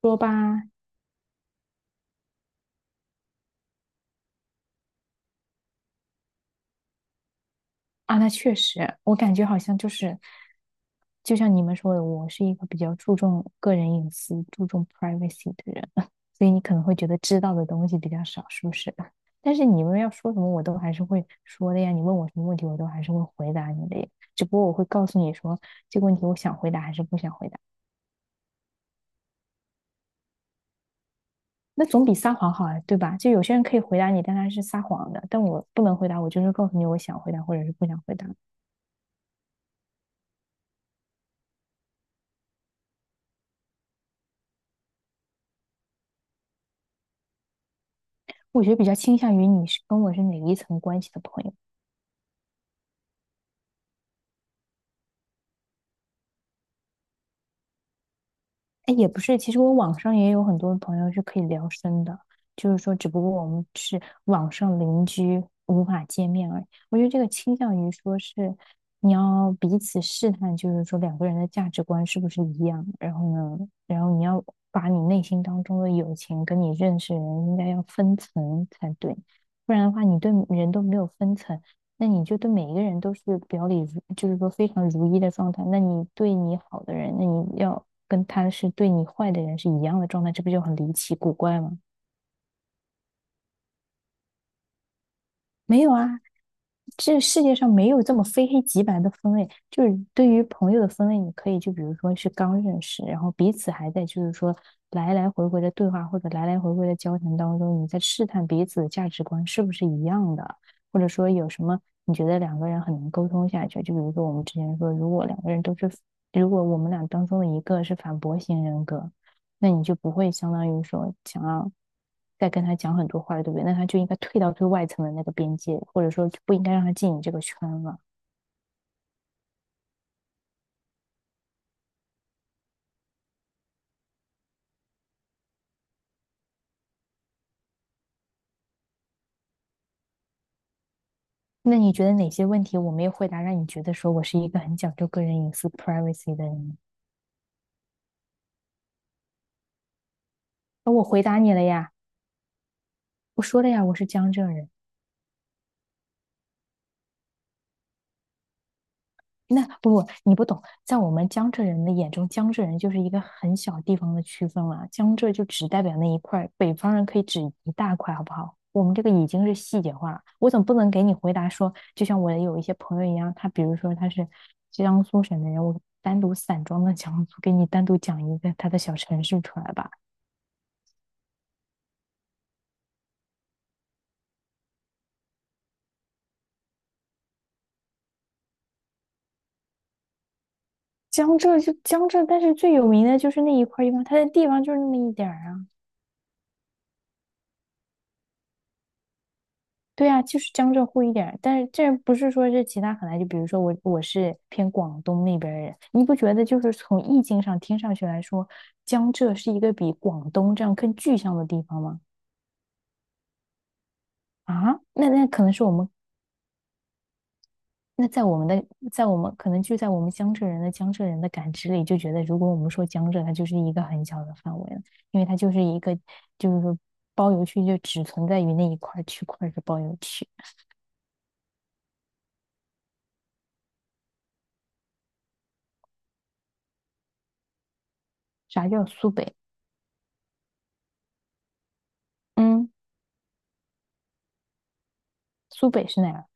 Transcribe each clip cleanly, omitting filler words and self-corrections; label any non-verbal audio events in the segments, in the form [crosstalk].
说吧。啊，那确实，我感觉好像就是，就像你们说的，我是一个比较注重个人隐私、注重 privacy 的人，[laughs] 所以你可能会觉得知道的东西比较少，是不是？但是你们要说什么，我都还是会说的呀。你问我什么问题，我都还是会回答你的呀。只不过我会告诉你说，这个问题我想回答还是不想回答。那总比撒谎好啊，对吧？就有些人可以回答你，但他是撒谎的，但我不能回答，我就是告诉你我想回答或者是不想回答。我觉得比较倾向于你是跟我是哪一层关系的朋友。哎，也不是，其实我网上也有很多朋友是可以聊深的，就是说，只不过我们是网上邻居，无法见面而已。我觉得这个倾向于说是你要彼此试探，就是说两个人的价值观是不是一样，然后呢，然后你要把你内心当中的友情跟你认识人应该要分层才对，不然的话，你对人都没有分层。那你就对每一个人都是表里如，就是说非常如一的状态。那你对你好的人，那你要跟他是对你坏的人是一样的状态，这不就很离奇古怪吗？没有啊，这世界上没有这么非黑即白的分类。就是对于朋友的分类，你可以就比如说是刚认识，然后彼此还在就是说来来回回的对话或者来来回回的交谈当中，你在试探彼此的价值观是不是一样的，或者说有什么你觉得两个人很能沟通下去。就比如说我们之前说，如果两个人都是，如果我们俩当中的一个是反驳型人格，那你就不会相当于说想要。在跟他讲很多话了，对不对？那他就应该退到最外层的那个边界，或者说不应该让他进你这个圈了。那你觉得哪些问题我没有回答，让你觉得说我是一个很讲究个人隐私（ （privacy） 的人？那我回答你了呀，我说了呀，我是江浙人。那不不，你不懂，在我们江浙人的眼中，江浙人就是一个很小地方的区分了。江浙就只代表那一块儿北方人可以指一大块，好不好？我们这个已经是细节化了。我总不能给你回答说，就像我有一些朋友一样，他比如说他是江苏省的人，我单独散装的江苏，给你单独讲一个他的小城市出来吧。江浙就江浙，但是最有名的就是那一块地方，它的地方就是那么一点儿啊。对啊，就是江浙沪一点儿但是这不是说这其他很难，就比如说我是偏广东那边儿人，你不觉得就是从意境上听上去来说，江浙是一个比广东这样更具象的地方吗？啊，那可能是我们那在我们的在我们可能就在我们江浙人的江浙人的感知里，就觉得如果我们说江浙，它就是一个很小的范围了，因为它就是一个就是说包邮区就只存在于那一块儿区块儿是包邮区。啥叫苏北？嗯，苏北是哪？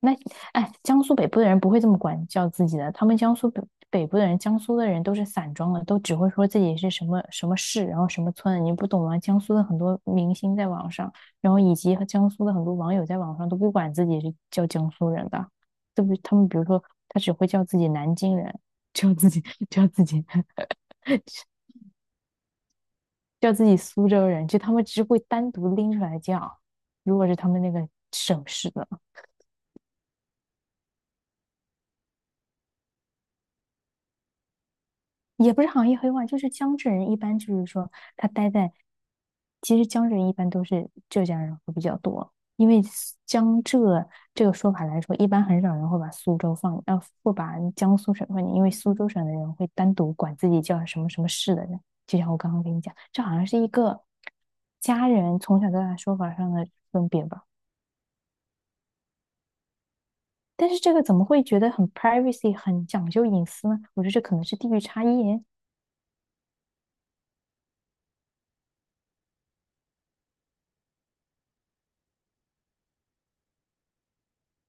那哎，江苏北部的人不会这么管叫自己的，他们江苏北部的人，江苏的人都是散装的，都只会说自己是什么什么市，然后什么村，你不懂吗？江苏的很多明星在网上，然后以及和江苏的很多网友在网上都不管自己是叫江苏人的，都不？他们比如说他只会叫自己南京人，叫自己 [laughs] 叫自己 [laughs] 叫自己苏州人，就他们只会单独拎出来叫，如果是他们那个省市的。也不是行业黑话，就是江浙人一般就是说他待在，其实江浙人一般都是浙江人会比较多，因为苏江浙这个说法来说，一般很少人会把苏州放，会把江苏省放进，因为苏州省的人会单独管自己叫什么什么市的人，就像我刚刚跟你讲，这好像是一个家人从小到大说法上的分别吧。但是这个怎么会觉得很 privacy，很讲究隐私呢？我觉得这可能是地域差异。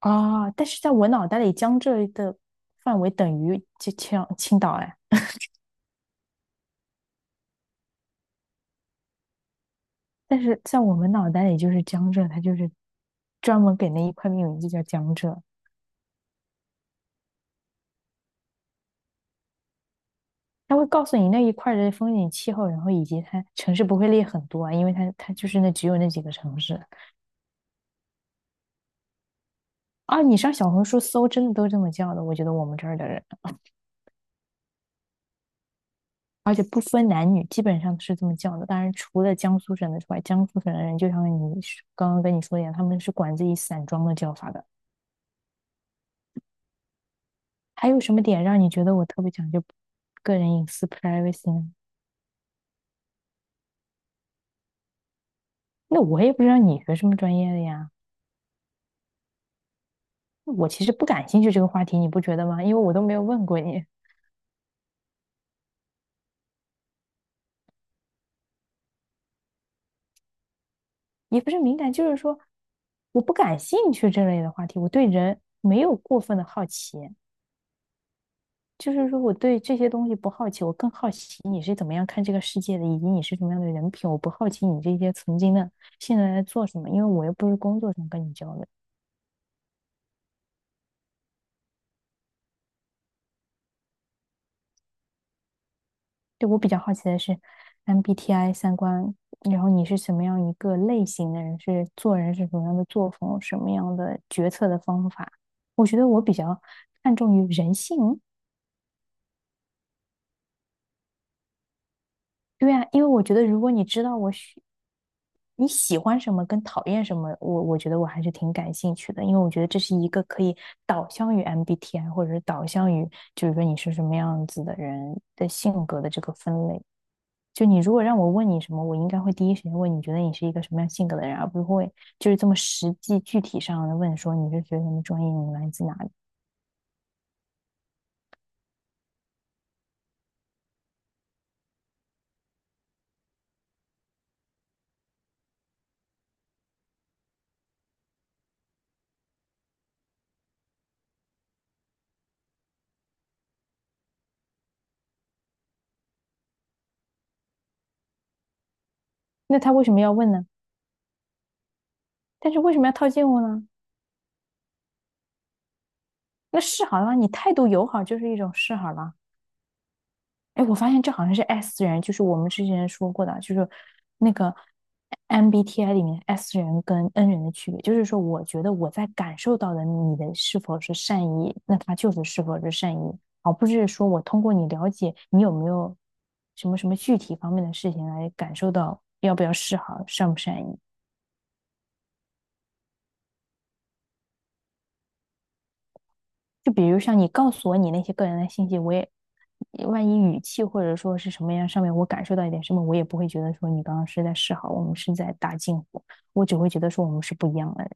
啊，但是在我脑袋里，江浙的范围等于就青岛哎，但是在我们脑袋里就是江浙，它就是专门给那一块命名就叫江浙。它会告诉你那一块儿的风景气候，然后以及它城市不会列很多啊，因为它就是那只有那几个城市啊。你上小红书搜，真的都这么叫的，我觉得我们这儿的人，而且不分男女，基本上都是这么叫的。当然，除了江苏省的之外，江苏省的人就像你说刚刚跟你说的一样，他们是管自己散装的叫法的。还有什么点让你觉得我特别讲究个人隐私 privacy 呢？那我也不知道你学什么专业的呀。我其实不感兴趣这个话题，你不觉得吗？因为我都没有问过你。也不是敏感，就是说我不感兴趣这类的话题，我对人没有过分的好奇，就是说我对这些东西不好奇，我更好奇你是怎么样看这个世界的，以及你是什么样的人品，我不好奇你这些曾经的现在在做什么，因为我又不是工作上跟你交流。对，我比较好奇的是，MBTI 三观，然后你是什么样一个类型的人？是做人是什么样的作风？什么样的决策的方法？我觉得我比较看重于人性。对啊，因为我觉得如果你知道我喜你喜欢什么跟讨厌什么，我觉得我还是挺感兴趣的，因为我觉得这是一个可以导向于 MBTI 或者是导向于，就是说你是什么样子的人的性格的这个分类。就你如果让我问你什么，我应该会第一时间问你觉得你是一个什么样性格的人，而不会就是这么实际具体上的问说你是学什么专业，你来自哪里。那他为什么要问呢？但是为什么要套近乎呢？那示好了，你态度友好就是一种示好了。哎，我发现这好像是 S 人，就是我们之前说过的，就是那个 MBTI 里面 S 人跟 N 人的区别，就是说，我觉得我在感受到的你的是否是善意，那他就是是否是善意，而不是说我通过你了解你有没有什么什么具体方面的事情来感受到要不要示好，善不善意。就比如像你告诉我你那些个人的信息，我也万一语气或者说是什么样上面我感受到一点什么，我也不会觉得说你刚刚是在示好，我们是在搭近乎，我只会觉得说我们是不一样的人。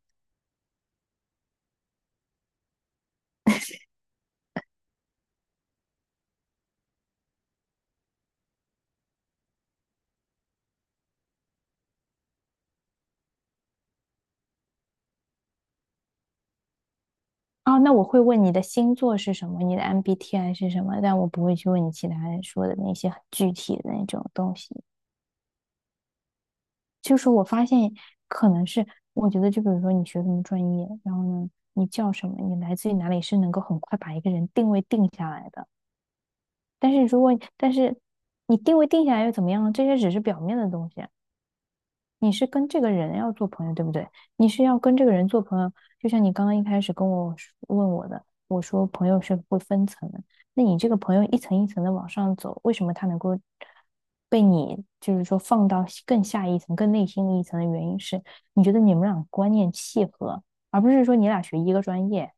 哦，那我会问你的星座是什么，你的 MBTI 是什么，但我不会去问你其他人说的那些很具体的那种东西。就是我发现可能是，我觉得就比如说你学什么专业，然后呢，你叫什么，你来自于哪里，是能够很快把一个人定位定下来的。但是你定位定下来又怎么样呢？这些只是表面的东西啊。你是跟这个人要做朋友，对不对？你是要跟这个人做朋友，就像你刚刚一开始跟我说问我的，我说朋友是会分层的，那你这个朋友一层一层的往上走，为什么他能够被你就是说放到更下一层、更内心的一层的原因是，你觉得你们俩观念契合，而不是说你俩学一个专业，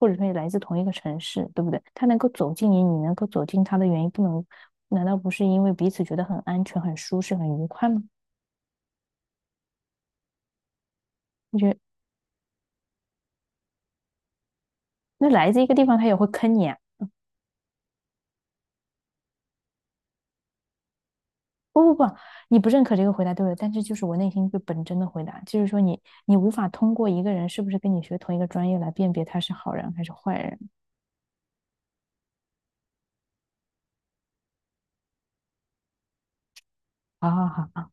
或者说你来自同一个城市，对不对？他能够走进你，你能够走进他的原因，不能，难道不是因为彼此觉得很安全、很舒适、很愉快吗？我觉得那来自一个地方，他也会坑你啊！不不不，你不认可这个回答对了，但这就是我内心最本真的回答，就是说你无法通过一个人是不是跟你学同一个专业来辨别他是好人还是坏人。好好好。